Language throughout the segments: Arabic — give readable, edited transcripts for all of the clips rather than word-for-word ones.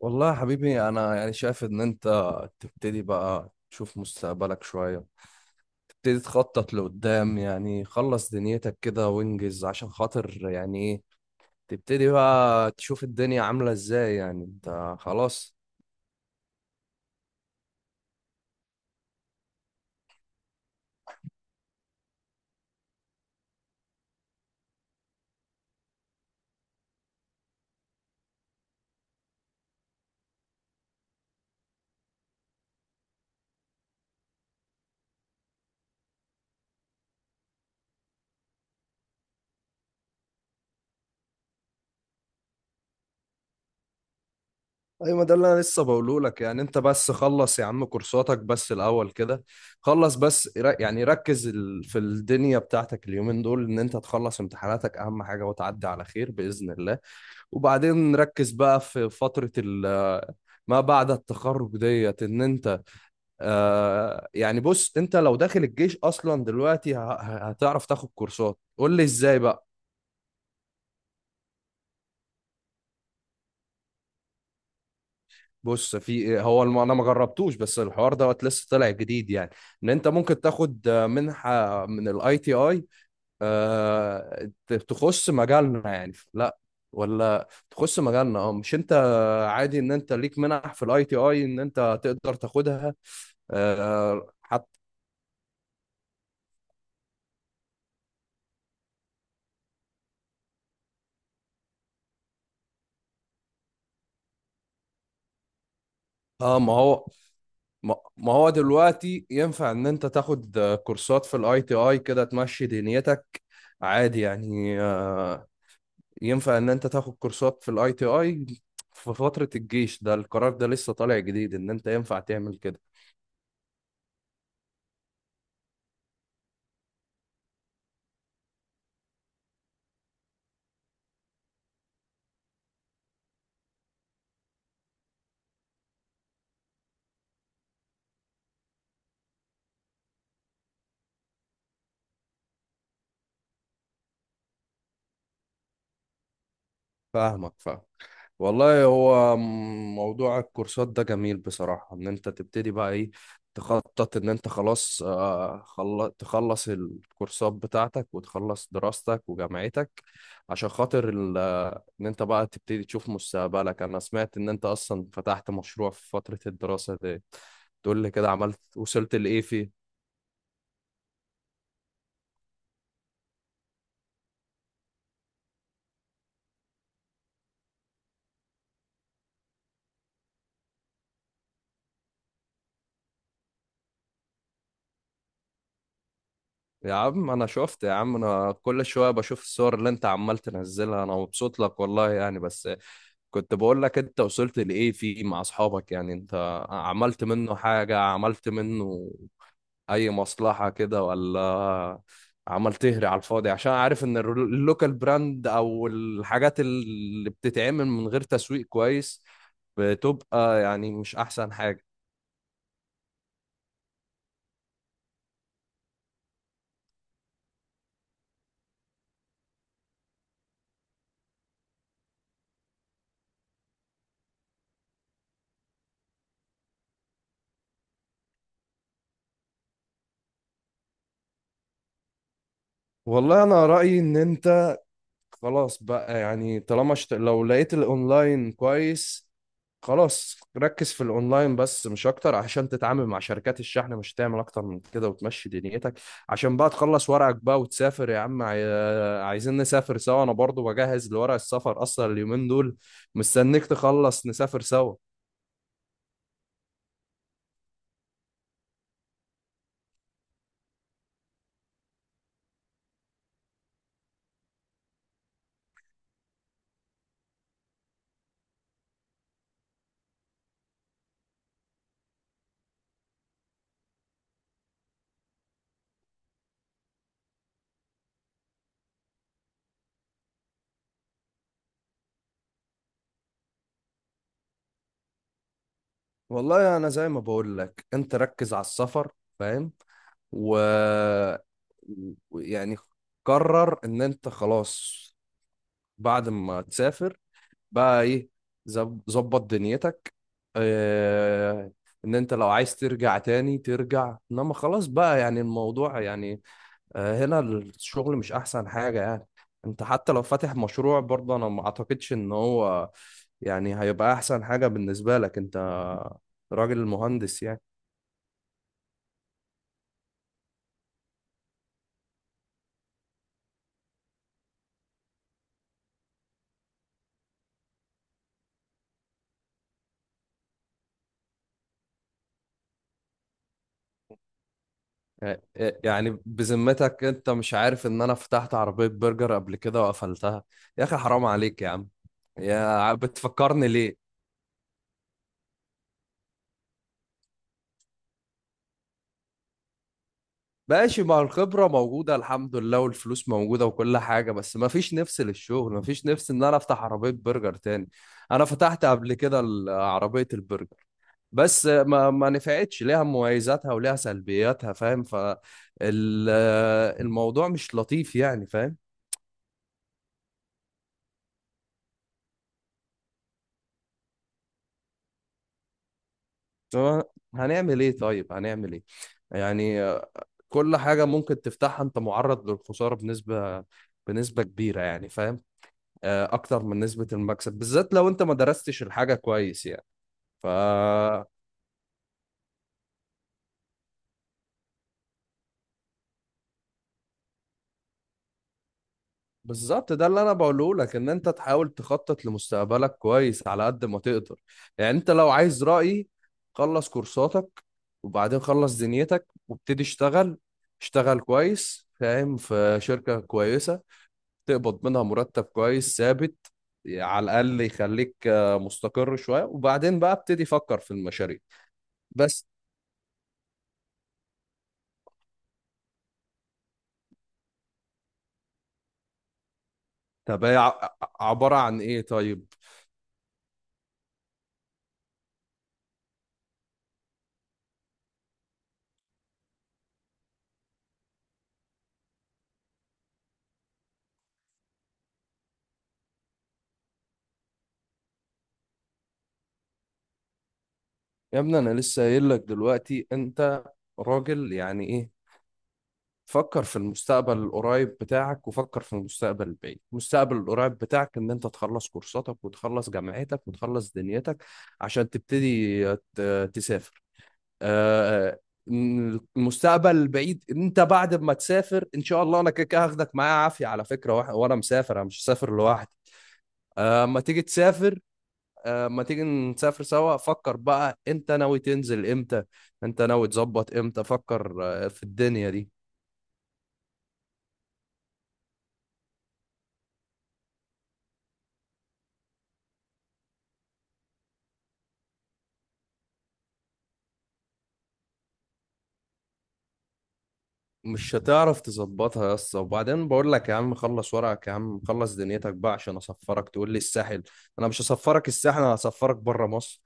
والله يا حبيبي، انا يعني شايف ان انت تبتدي بقى تشوف مستقبلك شوية. تبتدي تخطط لقدام، يعني خلص دنيتك كده وانجز عشان خاطر يعني ايه. تبتدي بقى تشوف الدنيا عاملة ازاي، يعني انت خلاص. ايوه، ما ده اللي انا لسه بقوله لك، يعني انت بس خلص يا عم كورساتك بس الاول كده. خلص بس يعني ركز في الدنيا بتاعتك اليومين دول، ان انت تخلص امتحاناتك اهم حاجة وتعدي على خير بإذن الله. وبعدين ركز بقى في فترة ما بعد التخرج ديت ان انت. يعني بص، انت لو داخل الجيش اصلا دلوقتي هتعرف تاخد كورسات؟ قول لي ازاي بقى. بص في إيه، هو انا ما جربتوش، بس الحوار دوت لسه طالع جديد يعني. ان انت ممكن تاخد منحة من الاي تي اي تخص مجالنا، يعني لا، ولا تخص مجالنا، اه مش انت. عادي ان انت ليك منح في الاي تي اي ان انت تقدر تاخدها. حط. اه، ما هو، ما هو دلوقتي ينفع ان انت تاخد كورسات في الاي تي اي كده تمشي دنيتك. عادي يعني. ينفع ان انت تاخد كورسات في الاي تي اي في فترة الجيش. ده القرار ده لسه طالع جديد ان انت ينفع تعمل كده. فاهمك، فاهم. والله هو موضوع الكورسات ده جميل بصراحة، ان انت تبتدي بقى ايه، تخطط ان انت خلاص. تخلص الكورسات بتاعتك وتخلص دراستك وجامعتك عشان خاطر ان انت بقى تبتدي تشوف مستقبلك. انا سمعت ان انت اصلا فتحت مشروع في فترة الدراسة دي. تقول لي كده، عملت وصلت لايه فيه؟ يا عم انا شفت، يا عم انا كل شوية بشوف الصور اللي انت عمال تنزلها، انا مبسوط لك والله يعني. بس كنت بقول لك انت وصلت لايه فيه مع اصحابك، يعني انت عملت منه حاجة، عملت منه اي مصلحة كده ولا عمال تهري على الفاضي؟ عشان عارف ان اللوكال براند او الحاجات اللي بتتعمل من غير تسويق كويس بتبقى يعني مش احسن حاجة. والله انا رأيي ان انت خلاص بقى، يعني طالما لو لقيت الاونلاين كويس، خلاص ركز في الاونلاين بس مش اكتر عشان تتعامل مع شركات الشحن. مش هتعمل اكتر من كده وتمشي دنيتك، عشان بقى تخلص ورقك بقى وتسافر يا عم. عايزين نسافر سوا، انا برضو بجهز لورق السفر اصلا اليومين دول، مستنيك تخلص نسافر سوا. والله انا زي ما بقول لك، انت ركز على السفر، فاهم؟ و يعني قرر ان انت خلاص بعد ما تسافر بقى ايه، ظبط دنيتك. اه، ان انت لو عايز ترجع تاني ترجع، انما خلاص بقى يعني، الموضوع يعني، اه، هنا الشغل مش احسن حاجة يعني. انت حتى لو فاتح مشروع برضه انا ما اعتقدش ان هو يعني هيبقى احسن حاجة بالنسبة لك. انت راجل مهندس يعني. يعني بذمتك انت مش عارف ان انا فتحت عربية برجر قبل كده وقفلتها؟ يا اخي حرام عليك يا عم. بتفكرني ليه؟ ماشي، ما الخبرة موجودة الحمد لله، والفلوس موجودة، وكل حاجة، بس ما فيش نفس للشغل، ما فيش نفس ان انا افتح عربية برجر تاني. انا فتحت قبل كده عربية البرجر، بس ما نفعتش، ليها مميزاتها وليها سلبياتها فاهم، فالموضوع مش لطيف يعني، فاهم؟ هو هنعمل ايه طيب، هنعمل ايه؟ يعني كل حاجة ممكن تفتحها انت معرض للخسارة بنسبة كبيرة يعني، فاهم؟ اكتر من نسبة المكسب، بالذات لو انت ما درستش الحاجة كويس يعني. ف بالظبط، ده اللي انا بقوله لك، ان انت تحاول تخطط لمستقبلك كويس على قد ما تقدر. يعني انت لو عايز رأيي، خلص كورساتك، وبعدين خلص دنيتك وابتدي اشتغل، اشتغل كويس فاهم في شركة كويسة، تقبض منها مرتب كويس ثابت، على الأقل يخليك مستقر شوية، وبعدين بقى ابتدي فكر في المشاريع بس. طب هي عبارة عن إيه طيب؟ يا ابني، أنا لسه قايل لك دلوقتي، أنت راجل يعني إيه؟ فكر في المستقبل القريب بتاعك وفكر في المستقبل البعيد. المستقبل القريب بتاعك ان انت تخلص كورساتك وتخلص جامعتك وتخلص دنيتك عشان تبتدي تسافر. آه، المستقبل البعيد، انت بعد ما تسافر ان شاء الله انا كده كده هاخدك معايا عافيه على فكره، وانا مسافر انا مش هسافر لوحدي. اما تيجي تسافر، اما تيجي نسافر سوا، فكر بقى انت ناوي تنزل امتى. انت ناوي تظبط امتى؟ فكر في الدنيا دي. مش هتعرف تظبطها يا اسطى. وبعدين بقول لك يا عم خلص ورقك، يا عم خلص دنيتك بقى عشان اسفرك، تقول لي الساحل؟ انا مش هسفرك الساحل، انا هسفرك بره مصر.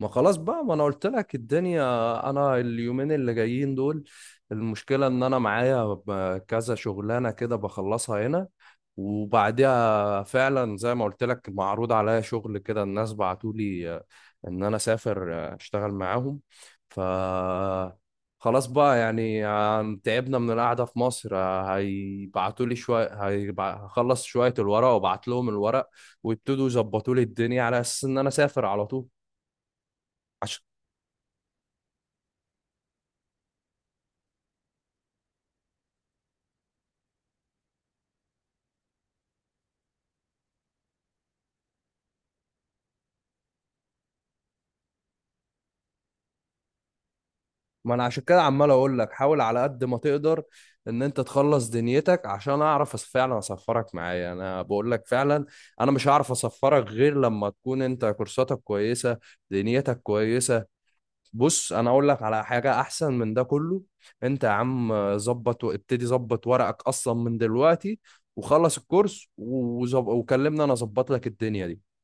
ما خلاص بقى، ما انا قلت لك الدنيا. انا اليومين اللي جايين دول، المشكلة ان انا معايا كذا شغلانة كده بخلصها هنا، وبعدها فعلا زي ما قلت لك معروض عليا شغل كده، الناس بعتولي ان انا اسافر اشتغل معاهم. ف خلاص بقى، يعني تعبنا من القعدة في مصر. هيبعتولي شوية، هخلص شوية الورق وابعت لهم الورق، ويبتدوا يظبطوا لي الدنيا على اساس ان انا اسافر على طول. عشان ما انا عشان كده عمال اقول لك حاول على قد ما تقدر ان انت تخلص دنيتك، عشان اعرف فعلا اسفرك معايا. انا بقول لك فعلا، انا مش هعرف اسفرك غير لما تكون انت كورساتك كويسة، دنيتك كويسة. بص، انا اقول لك على حاجة احسن من ده كله. انت يا عم ظبط، وابتدي ظبط ورقك اصلا من دلوقتي، وخلص الكورس وكلمنا، انا اظبط لك الدنيا دي.